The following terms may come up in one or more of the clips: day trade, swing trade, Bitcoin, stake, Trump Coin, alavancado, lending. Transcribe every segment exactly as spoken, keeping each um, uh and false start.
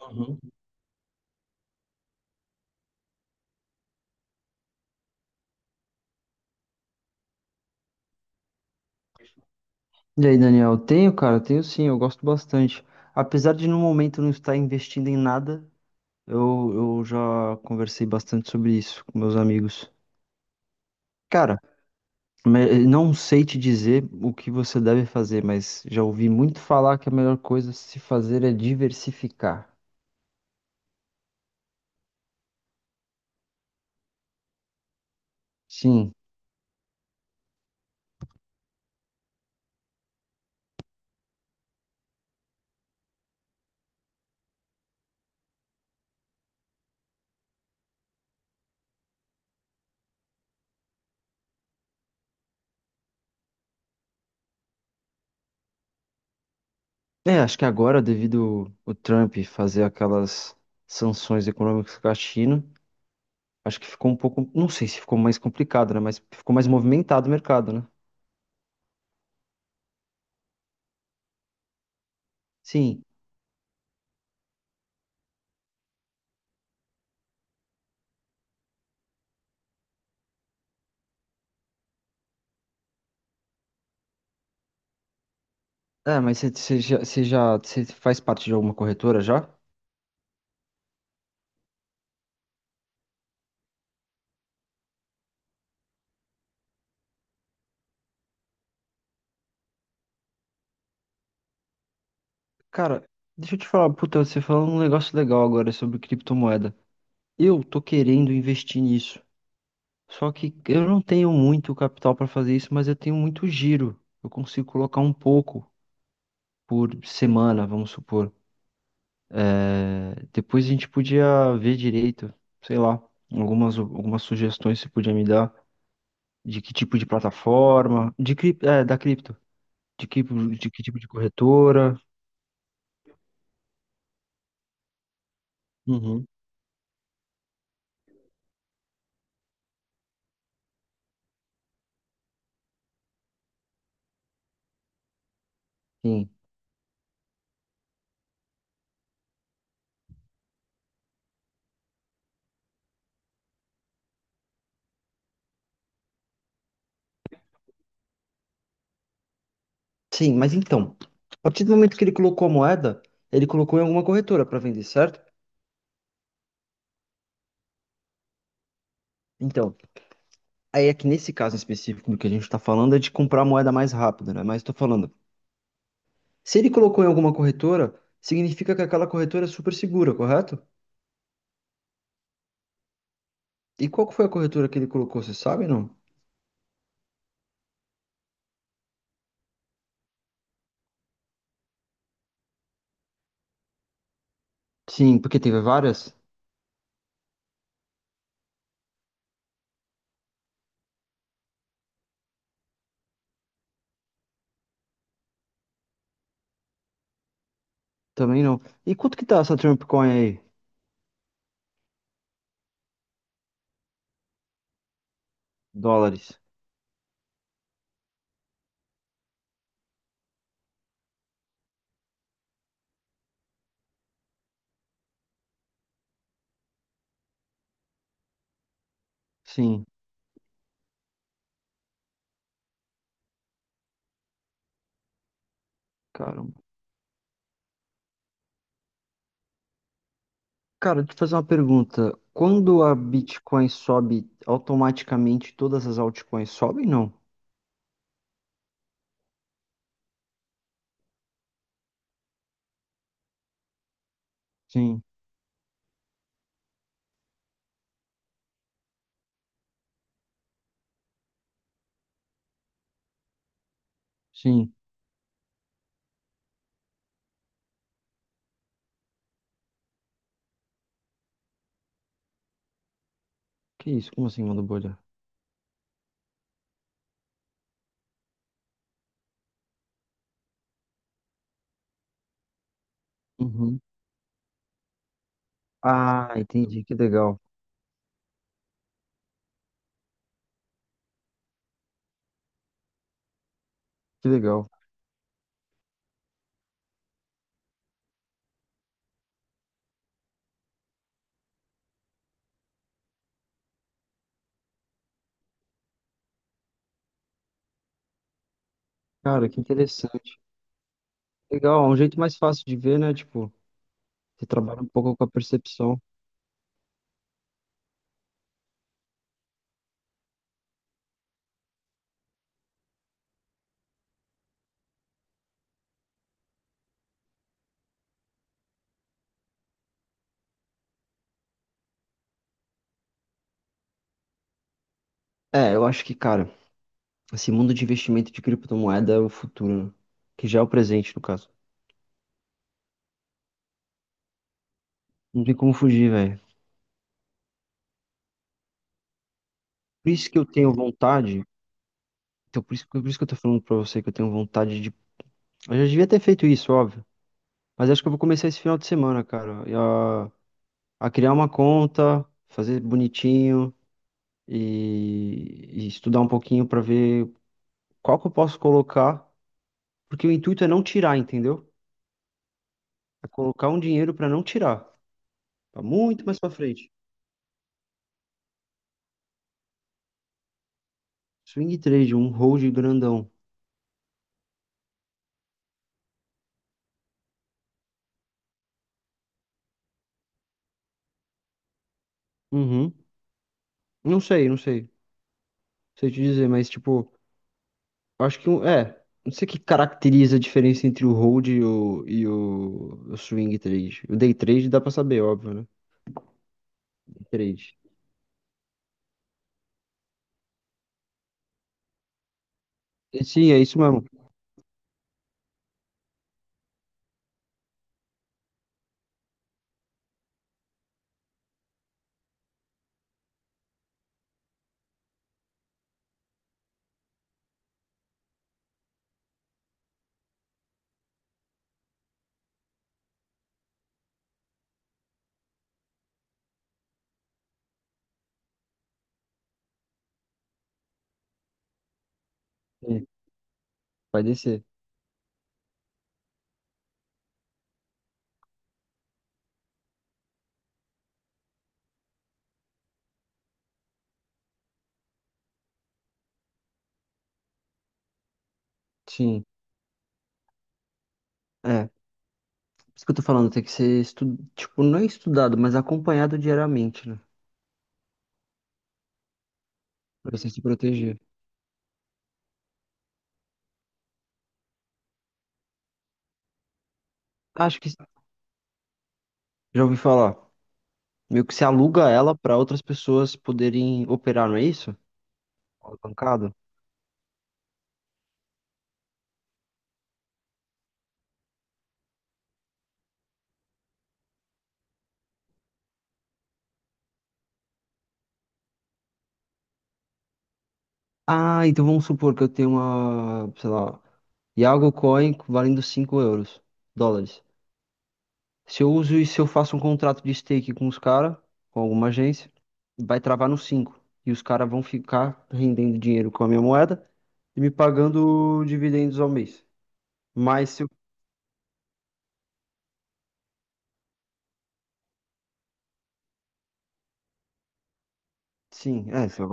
Uhum. E aí, Daniel, tenho, cara, tenho sim, eu gosto bastante. Apesar de no momento não estar investindo em nada, eu, eu já conversei bastante sobre isso com meus amigos. Cara, me- não sei te dizer o que você deve fazer, mas já ouvi muito falar que a melhor coisa a se fazer é diversificar. Sim. É, acho que agora, devido o Trump fazer aquelas sanções econômicas com a China, acho que ficou um pouco, não sei se ficou mais complicado, né? Mas ficou mais movimentado o mercado, né? Sim. É, mas você você já, você já, você faz parte de alguma corretora já? Cara, deixa eu te falar, puta, você falou um negócio legal agora sobre criptomoeda. Eu tô querendo investir nisso. Só que eu não tenho muito capital para fazer isso, mas eu tenho muito giro. Eu consigo colocar um pouco por semana, vamos supor. É, depois a gente podia ver direito, sei lá, algumas, algumas sugestões você podia me dar de que tipo de plataforma, de cripto, é, da cripto, de que, de que tipo de corretora. Uhum, sim. Sim, mas então, a partir do momento que ele colocou a moeda, ele colocou em alguma corretora para vender, certo? Então, aí é que nesse caso específico do que a gente está falando é de comprar a moeda mais rápida, né? Mas estou falando, se ele colocou em alguma corretora, significa que aquela corretora é super segura, correto? E qual que foi a corretora que ele colocou, você sabe, não? Sim, porque teve várias? Também não. E quanto que tá essa Trump Coin aí? Dólares? Sim, cara. Cara, deixa eu te fazer uma pergunta. Quando a Bitcoin sobe, automaticamente todas as altcoins sobem, não? Sim, sim. Que isso? Como assim, manda bolha? Uhum. Ah, entendi. Que legal. Que legal. Cara, que interessante. Legal, é um jeito mais fácil de ver, né? Tipo, você trabalha um pouco com a percepção. É, eu acho que, cara, esse mundo de investimento de criptomoeda é o futuro, né? Que já é o presente, no caso. Não tem como fugir, velho. Por isso que eu tenho vontade. Então, por isso, por isso que eu tô falando pra você que eu tenho vontade. Eu já devia ter feito isso, óbvio. Mas acho que eu vou começar esse final de semana, cara, e A, a criar uma conta, fazer bonitinho e, e estudar um pouquinho pra ver qual que eu posso colocar. Porque o intuito é não tirar, entendeu? É colocar um dinheiro pra não tirar. Tá muito mais pra frente. Swing trade, um hold grandão. Uhum. Não sei, não sei. Não sei te dizer, mas tipo, eu acho que um- é. Não sei o que caracteriza a diferença entre o hold e o, e o, o swing trade. O day trade dá pra saber, óbvio, né? Três. E sim, é isso mesmo. Sim, vai descer. Sim. É. Isso que eu tô falando, tem que ser estu... tipo, não é estudado, mas acompanhado diariamente, né? Pra você se proteger. Acho que já ouvi falar. Meio que se aluga ela pra outras pessoas poderem operar, não é isso? Alavancado. Ah, então vamos supor que eu tenho uma, sei lá, Iago Coin valendo cinco euros, dólares. Se eu uso e se eu faço um contrato de stake com os caras, com alguma agência, vai travar no cinco. E os caras vão ficar rendendo dinheiro com a minha moeda e me pagando dividendos ao mês. Mas se eu. Sim, é, se eu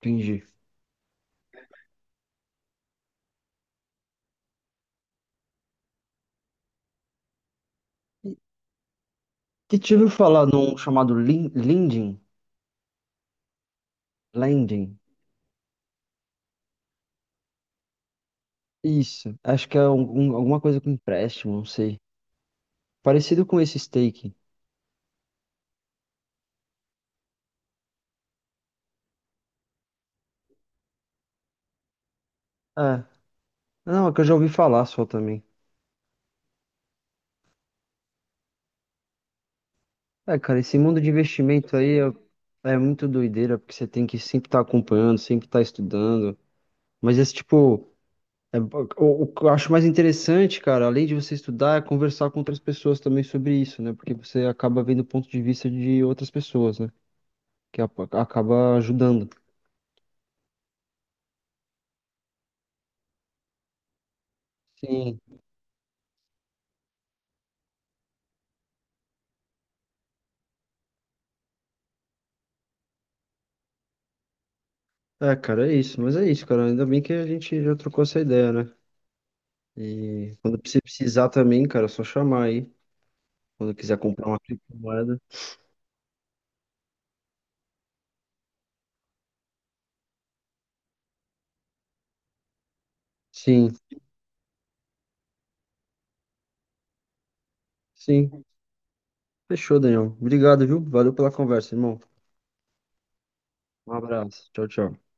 atingir. Que te ouviu falar num chamado lin- Lending? Lending. Isso. Acho que é algum- alguma coisa com empréstimo, não sei. Parecido com esse stake. É. Não, é que eu já ouvi falar só também. É, cara, esse mundo de investimento aí é, é muito doideira, porque você tem que sempre estar acompanhando, sempre estar estudando. Mas esse tipo, é, o, o que eu acho mais interessante, cara, além de você estudar, é conversar com outras pessoas também sobre isso, né? Porque você acaba vendo o ponto de vista de outras pessoas, né? Que a- acaba ajudando. Sim. É, cara, é isso. Mas é isso, cara. Ainda bem que a gente já trocou essa ideia, né? E quando você precisar também, cara, é só chamar aí. Quando quiser comprar uma criptomoeda. Sim, sim. Fechou, Daniel. Obrigado, viu? Valeu pela conversa, irmão. Um abraço. Tchau, tchau.